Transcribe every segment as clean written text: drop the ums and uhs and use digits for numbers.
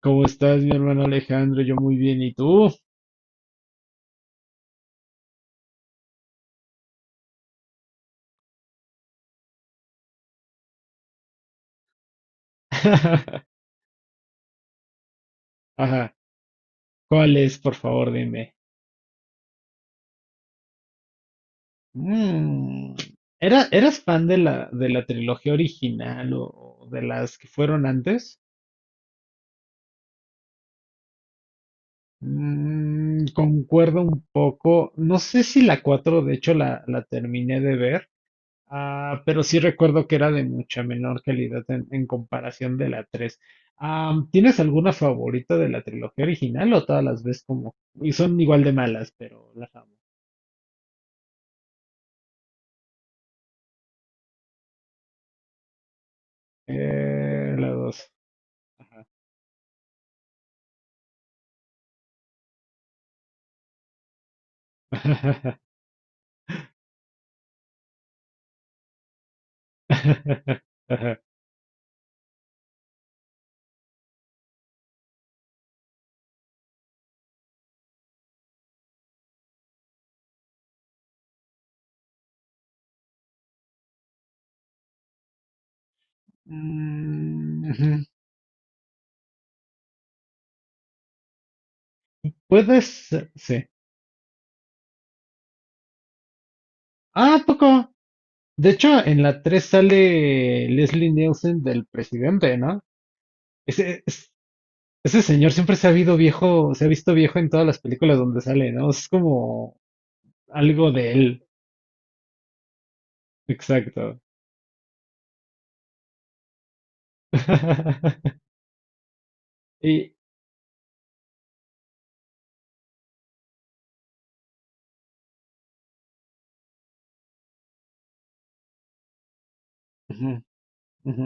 ¿Cómo estás, mi hermano Alejandro? Yo muy bien, ¿y tú? Ajá. ¿Cuál es, por favor, dime? Mm, ¿Eras fan de la trilogía original o de las que fueron antes? Concuerdo un poco. No sé si la 4, de hecho, la terminé de ver. Ah, pero sí recuerdo que era de mucha menor calidad en comparación de la 3. ¿Tienes alguna favorita de la trilogía original o todas las ves como? Y son igual de malas, pero las amo. La dos. Mm, ujú. Puedes. Sí. Ah, ¿a poco? De hecho, en la 3 sale Leslie Nielsen del presidente, ¿no? Ese, es- ese señor siempre se ha habido viejo, se ha visto viejo en todas las películas donde sale, ¿no? Es como algo de él, exacto. Y ujú, ujú.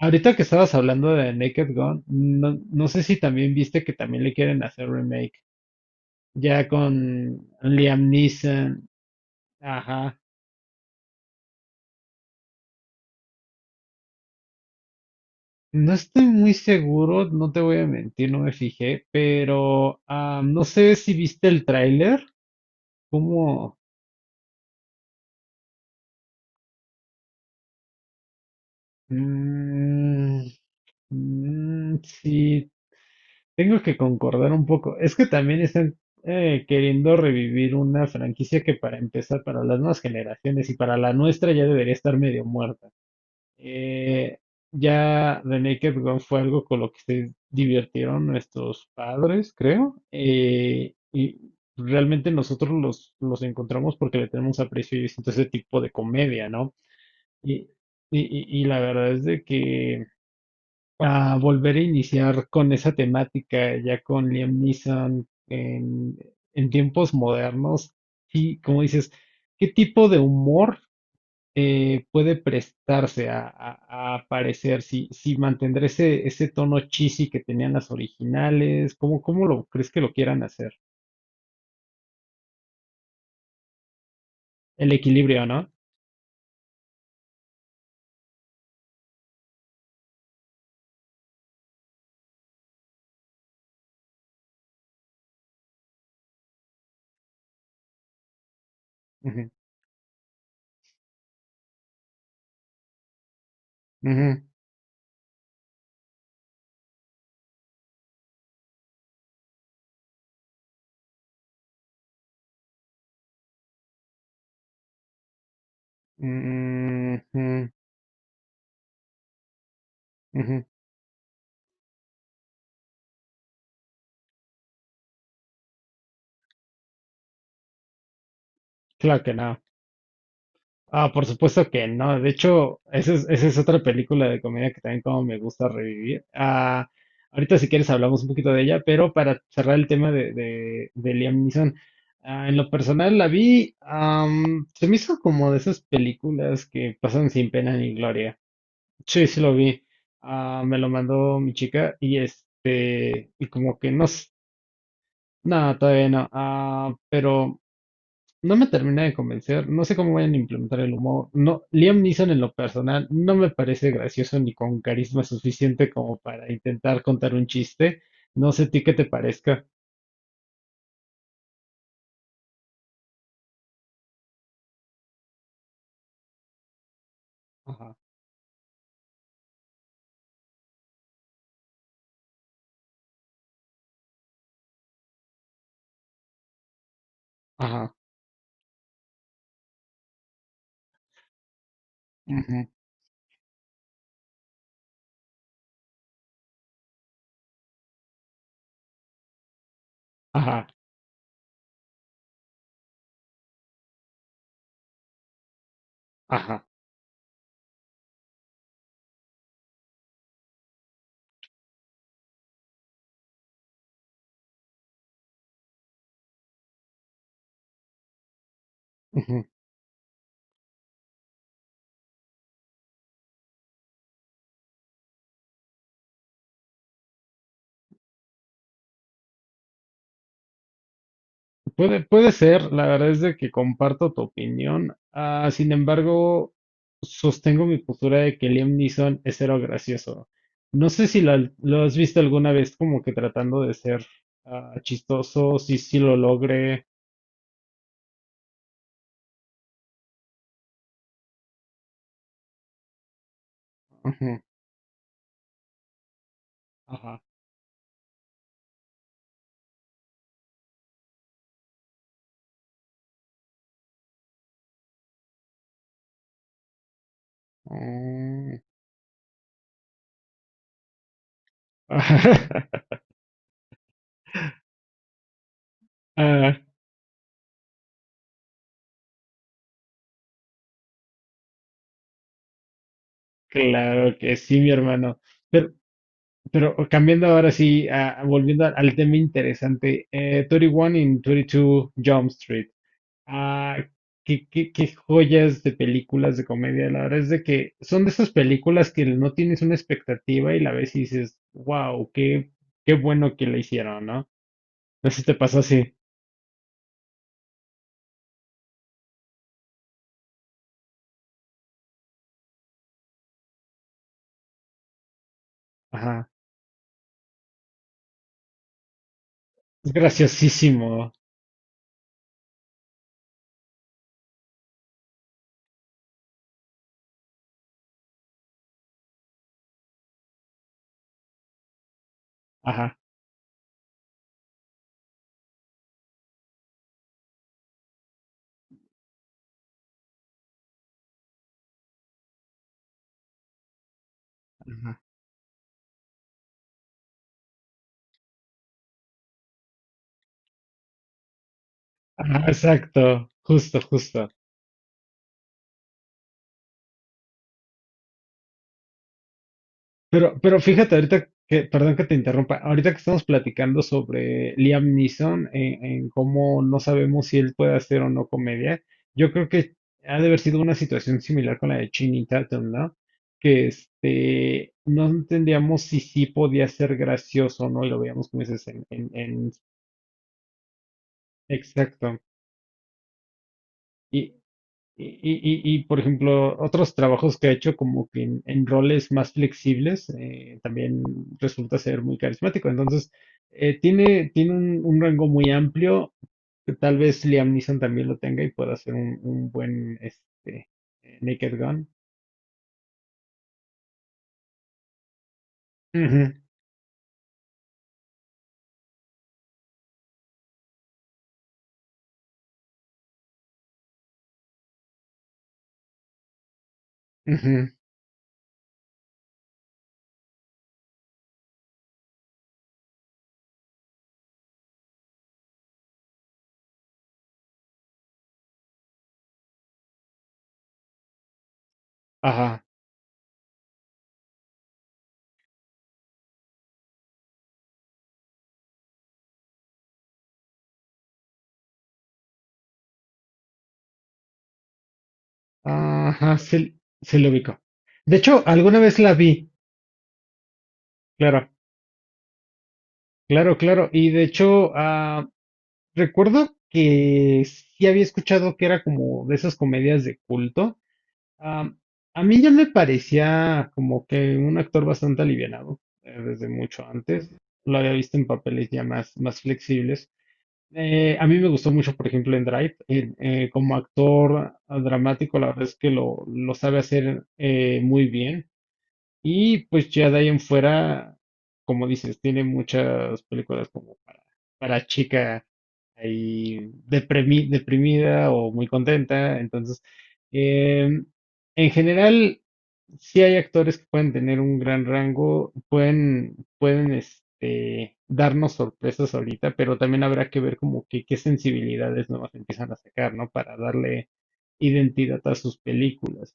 Ahorita que estabas hablando de Naked Gun, no, no sé si también viste que también le quieren hacer remake, ya con Liam Neeson. Ajá. No estoy muy seguro, no te voy a mentir, no me fijé, pero no sé si viste el tráiler, como. Mm, mm, si. Tengo que concordar un poco. Es que también están queriendo revivir una franquicia que para empezar, para las nuevas generaciones y para la nuestra ya debería estar medio muerta. Eh, ya The Naked Gun fue algo con lo que se divirtieron nuestros padres, creo. Y realmente nosotros los encontramos porque le tenemos aprecio y distinto a ese tipo de comedia, ¿no? Y, y, y la verdad es de que a volver a iniciar con esa temática ya con Liam Neeson en tiempos modernos. Y como dices, ¿qué tipo de humor puede prestarse a, a aparecer? Si, si mantendrá ese, ese tono cheesy que tenían las originales, ¿cómo, cómo lo crees que lo quieran hacer? El equilibrio, ¿no? Ujú, ujú, ujú, ujú. Claro que no. Ah, por supuesto que no. De hecho, esa es otra película de comedia que también como me gusta revivir. Ah, ahorita si quieres hablamos un poquito de ella, pero para cerrar el tema de Liam Neeson, en lo personal la vi, se me hizo como de esas películas que pasan sin pena ni gloria. Sí, sí lo vi. Ah, me lo mandó mi chica y este, y como que no, no, todavía no. Ah, pero no me termina de convencer, no sé cómo vayan a implementar el humor. No, Liam Neeson en lo personal no me parece gracioso ni con carisma suficiente como para intentar contar un chiste. No sé a ti qué te parezca. Ajá, ajá, ujú, ajá, ajá. Ujú. Puede ser, la verdad es de que comparto tu opinión. Ah, sin embargo, sostengo mi postura de que Liam Neeson es cero gracioso. No sé si lo has visto alguna vez como que tratando de ser chistoso, si sí lo logre. Ujú, ajá. Mm. Ah, claro que sí, mi hermano. Pero, pero cambiando ahora sí, volviendo al, al tema interesante, 31 in 22 Jump Street. Ah, qué joyas de películas de comedia. La verdad es de que son de esas películas que no tienes una expectativa y la ves y dices, wow, qué, qué bueno que la hicieron, ¿no? No sé si te pasó así. Ajá. Es graciosísimo. Ajá. Ajá, ajá, exacto. Justo, justo. Pero fíjate, ahorita que, perdón que te interrumpa, ahorita que estamos platicando sobre Liam Neeson, en cómo no sabemos si él puede hacer o no comedia, yo creo que ha de haber sido una situación similar con la de Channing Tatum, ¿no? Que este, no entendíamos si sí podía ser gracioso o no, y lo veíamos como dices exacto. Y, por ejemplo, otros trabajos que ha hecho como que en roles más flexibles, también resulta ser muy carismático. Entonces, tiene un rango muy amplio, que tal vez Liam Neeson también lo tenga y pueda hacer un buen este, Naked Gun. Ujú, ujú, ajá, ajá, se lo ubicó. De hecho, alguna vez la vi, claro, claro, claro. Y de hecho, recuerdo que sí había escuchado que era como de esas comedias de culto. Am, a mí ya me parecía como que un actor bastante alivianado desde mucho antes. Lo había visto en papeles ya más, más flexibles. A mí me gustó mucho, por ejemplo, en Drive. Como actor dramático, la verdad es que lo sabe hacer muy bien. Y pues ya de ahí en fuera, como dices, tiene muchas películas como para chica ahí deprimida o muy contenta. Entonces, em, en general, sí hay actores que pueden tener un gran rango, pueden este, darnos sorpresas ahorita, pero también habrá que ver como que qué sensibilidades nuevas empiezan a sacar, ¿no? Para darle identidad a sus películas.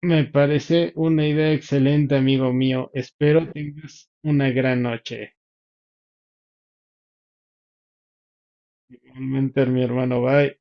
Me parece una idea excelente, amigo mío. Espero tengas una gran noche. Igualmente, mi hermano, bye.